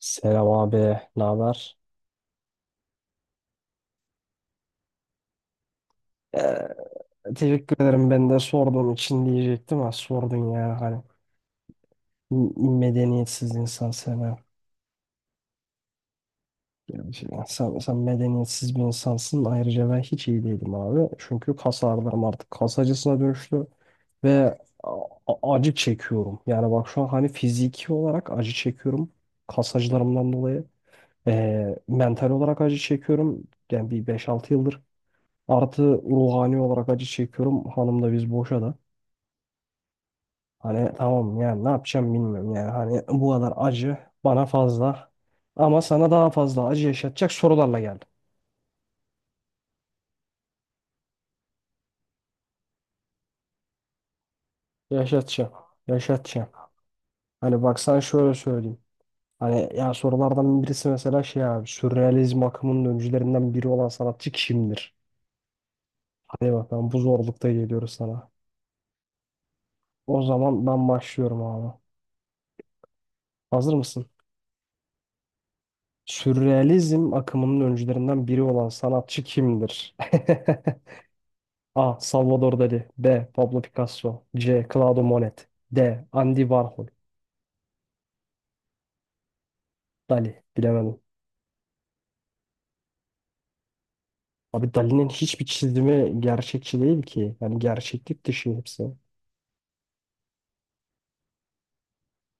Selam abi, ne haber? Ee, teşekkür ederim ben de sorduğun için diyecektim ama sordun ya hani medeniyetsiz insan sana. Gerçekten sen medeniyetsiz bir insansın. Ayrıca ben hiç iyi değilim abi. Çünkü kas ağrılarım artık kas acısına dönüştü ve acı çekiyorum. Yani bak şu an hani fiziki olarak acı çekiyorum kas acılarımdan dolayı. Mental olarak acı çekiyorum. Yani bir beş altı yıldır. Artı, ruhani olarak acı çekiyorum. Hanım da biz boşadı. Hani tamam yani ne yapacağım bilmiyorum yani. Hani bu kadar acı bana fazla. Ama sana daha fazla acı yaşatacak sorularla geldim. Yaşatacağım. Yaşatacağım. Hani bak sana şöyle söyleyeyim. Hani ya sorulardan birisi mesela şey abi. Sürrealizm akımının öncülerinden biri olan sanatçı kimdir? Hadi bakalım bu zorlukta geliyoruz sana. O zaman ben başlıyorum abi. Hazır mısın? Sürrealizm akımının öncülerinden biri olan sanatçı kimdir? A. Salvador Dali. B. Pablo Picasso. C. Claude Monet. D. Andy Warhol. Dali bilemedim. Abi Dali'nin hiçbir çizimi gerçekçi değil ki. Yani gerçeklik dışı hepsi.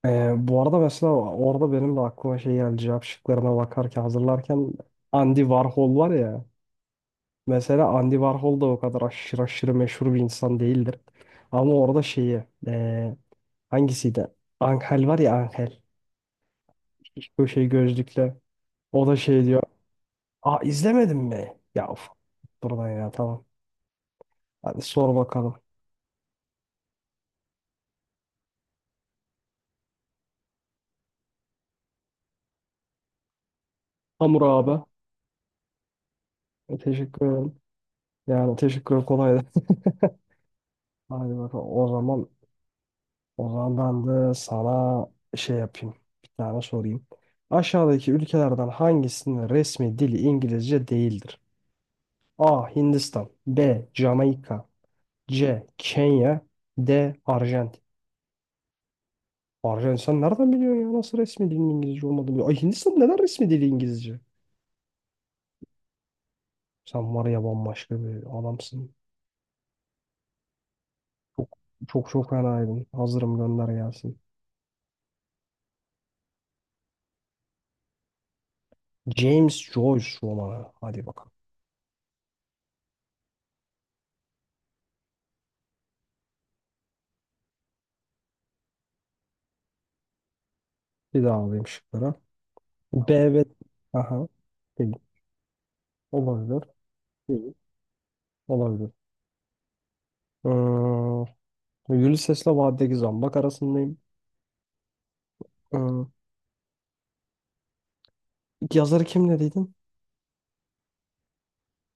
Bu arada mesela orada benim de aklıma şey geldi. Cevap şıklarına bakarken hazırlarken Andy Warhol var ya. Mesela Andy Warhol da o kadar aşırı aşırı meşhur bir insan değildir. Ama orada şeyi, hangisiydi? Angel var ya Angel. Bu şey gözlüklü. O da şey diyor. Aa, izlemedin mi? Ya of. Buradan ya tamam. Hadi sor bakalım. Hamur abi. Teşekkür ederim. Yani teşekkür ederim, kolaydı. Hadi bakalım. O zaman ben de sana şey yapayım. Bir tane sorayım. Aşağıdaki ülkelerden hangisinin resmi dili İngilizce değildir? A. Hindistan. B. Jamaika. C. Kenya. D. Arjantin. Arjantin sen nereden biliyorsun ya? Nasıl resmi dilin İngilizce olmadığını biliyor. Ay Hindistan neden resmi dili İngilizce? Sen var ya bambaşka bir adamsın. Çok çok çok fenaydın. Hazırım, gönder gelsin. James Joyce romanı. Hadi bakalım. Bir daha alayım şıkları. B ve... Aha. Değil. Olabilir. Değil. Olabilir. Ee, Ulysses'le Vadideki Zambak arasındayım. Ee, yazarı kim dediydin?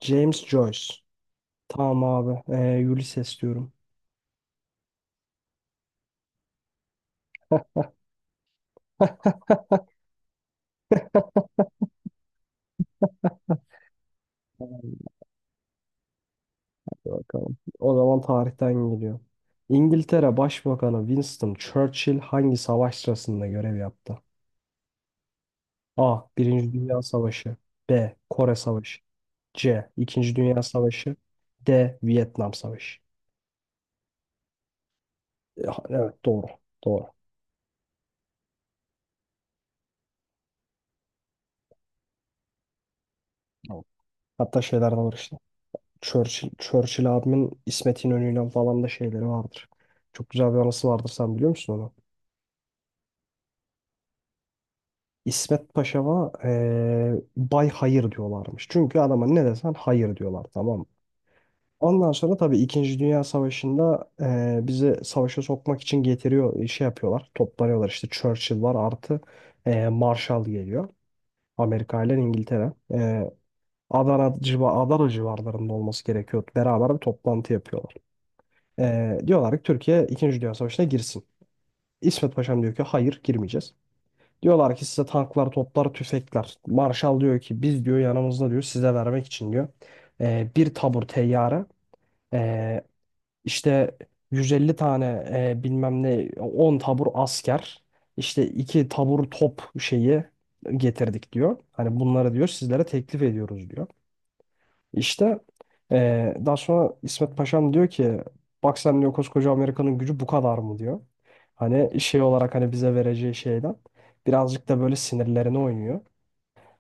James Joyce. Tamam abi. Ulysses diyorum. Bakalım. O zaman tarihten geliyor. İngiltere Başbakanı Winston Churchill hangi savaş sırasında görev yaptı? A. Birinci Dünya Savaşı. B. Kore Savaşı. C. İkinci Dünya Savaşı. D. Vietnam Savaşı. Ya, evet doğru. Doğru. Tamam. Hatta şeyler de var işte. Churchill abimin İsmet İnönü'yle falan da şeyleri vardır. Çok güzel bir anısı vardır, sen biliyor musun onu? İsmet Paşa'ma Bay Hayır diyorlarmış. Çünkü adama ne desen hayır diyorlar, tamam. Ondan sonra tabii İkinci Dünya Savaşı'nda bizi savaşa sokmak için getiriyor, şey yapıyorlar, toplanıyorlar. İşte Churchill var, artı Marshall geliyor. Amerika ile İngiltere. Adana civarlarında olması gerekiyor. Beraber bir toplantı yapıyorlar. Diyorlar ki Türkiye İkinci Dünya Savaşı'na girsin. İsmet Paşam diyor ki hayır girmeyeceğiz. Diyorlar ki size tanklar, toplar, tüfekler. Marshall diyor ki biz diyor yanımızda diyor size vermek için diyor bir tabur teyyare, İşte 150 tane, bilmem ne, 10 tabur asker, işte 2 tabur top şeyi getirdik diyor. Hani bunları diyor sizlere teklif ediyoruz diyor. İşte daha sonra İsmet Paşam diyor ki bak sen diyor koskoca Amerika'nın gücü bu kadar mı diyor. Hani şey olarak hani bize vereceği şeyden birazcık da böyle sinirlerine oynuyor.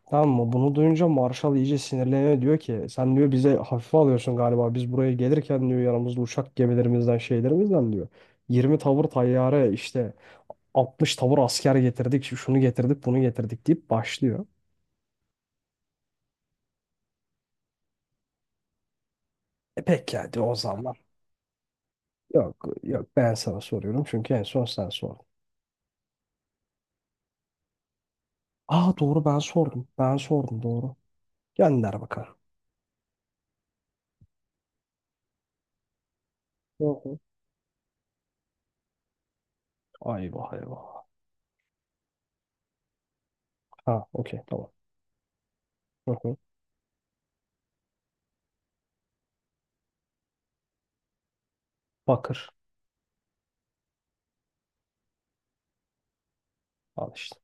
Tamam mı? Bunu duyunca Marshall iyice sinirleniyor. Diyor ki sen diyor bize hafife alıyorsun galiba. Biz buraya gelirken diyor yanımızda uçak gemilerimizden şeylerimizden diyor. 20 tavır tayyare, işte 60 tavır asker getirdik. Şunu getirdik, bunu getirdik deyip başlıyor. E peki diyor o zaman. Yok yok ben sana soruyorum çünkü en son sen sordun. Aa doğru, ben sordum. Ben sordum, doğru. Gönder bakalım. Hı hı. Ayvah, eyvah. Ha, okey, tamam. Hı hı. Bakır. Al işte.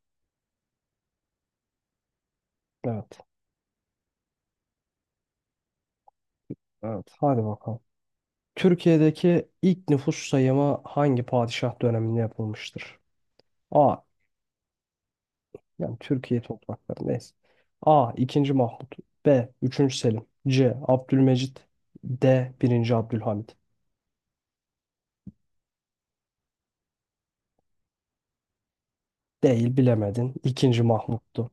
Evet. Evet. Hadi bakalım. Türkiye'deki ilk nüfus sayımı hangi padişah döneminde yapılmıştır? A. Yani Türkiye toprakları neyse. A. 2. Mahmut. B. Üçüncü Selim. C. Abdülmecit. D. Birinci Abdülhamit. Değil, bilemedin. 2. Mahmut'tu.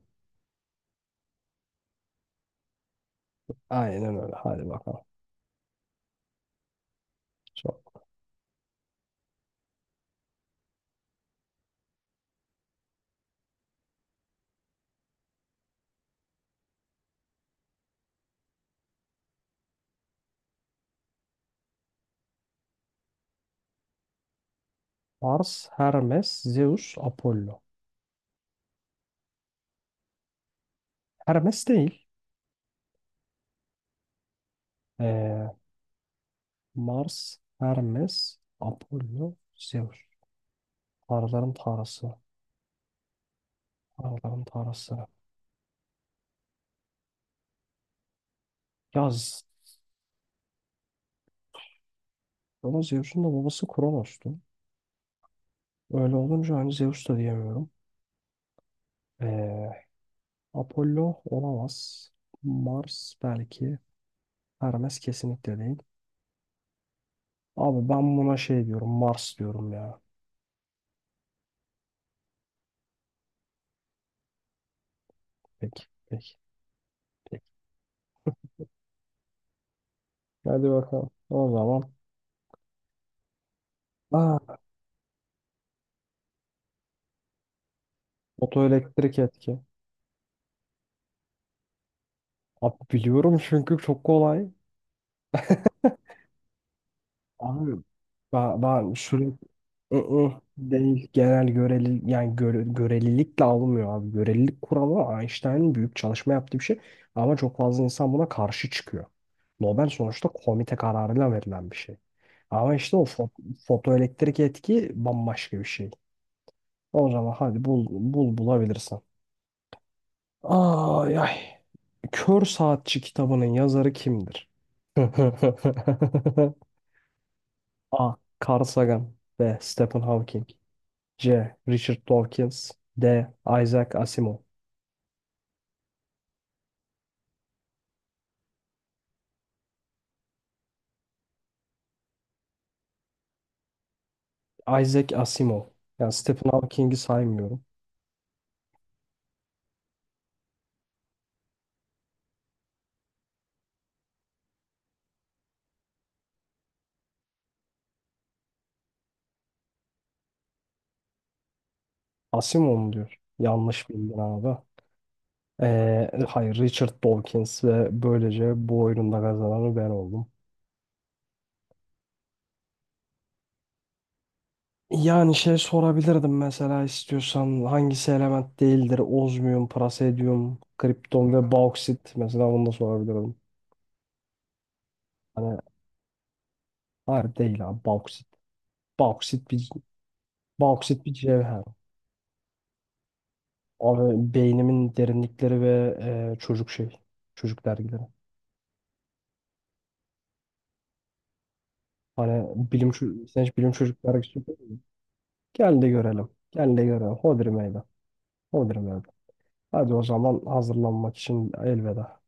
Aynen öyle. Hadi bakalım. Sor. Mars, Hermes, Zeus, Apollo. Hermes değil. Ee, Mars, Hermes, Apollo, Zeus. Tanrıların tanrısı. Tanrıların tanrısı. Yaz. Ama Zeus'un da babası Kronos'tu. Öyle olunca hani Zeus da diyemiyorum. Ee, Apollo olamaz. Mars belki. Hermes kesinlikle değil. Abi ben buna şey diyorum. Mars diyorum ya. Peki. Peki. Peki. Hadi bakalım. O zaman. Aa, fotoelektrik etki. Abi biliyorum çünkü çok kolay. Abi ben sürekli. Mm-mm, değil. Genel göreli, yani göre, görelilikle alınmıyor abi. Görelilik kuralı Einstein'ın büyük çalışma yaptığı bir şey. Ama çok fazla insan buna karşı çıkıyor. Nobel sonuçta komite kararıyla verilen bir şey. Ama işte o fotoelektrik etki bambaşka bir şey. O zaman hadi bulabilirsen. Ay ay. Kör Saatçi kitabının yazarı kimdir? A. Carl Sagan. B. Stephen Hawking. C. Richard Dawkins. D. Isaac Asimov. Isaac Asimov. Yani Stephen Hawking'i saymıyorum. Asimov mu diyor? Yanlış bildin abi. Hayır, Richard Dawkins ve böylece bu oyunun da kazananı ben oldum. Yani şey sorabilirdim mesela, istiyorsan hangisi element değildir? Ozmiyum, prasedyum, kripton ve bauksit. Mesela bunu da sorabilirdim. Hani hayır değil abi, bauksit. Bauksit bir bauksit bir cevher. Abi beynimin derinlikleri ve çocuk şey. Çocuk dergileri. Hani bilim sen hiç bilim çocuk dergisi okudun mu? Gel de görelim. Gel de görelim. Hodri meydan. Hodri meydan. Hadi o zaman, hazırlanmak için elveda.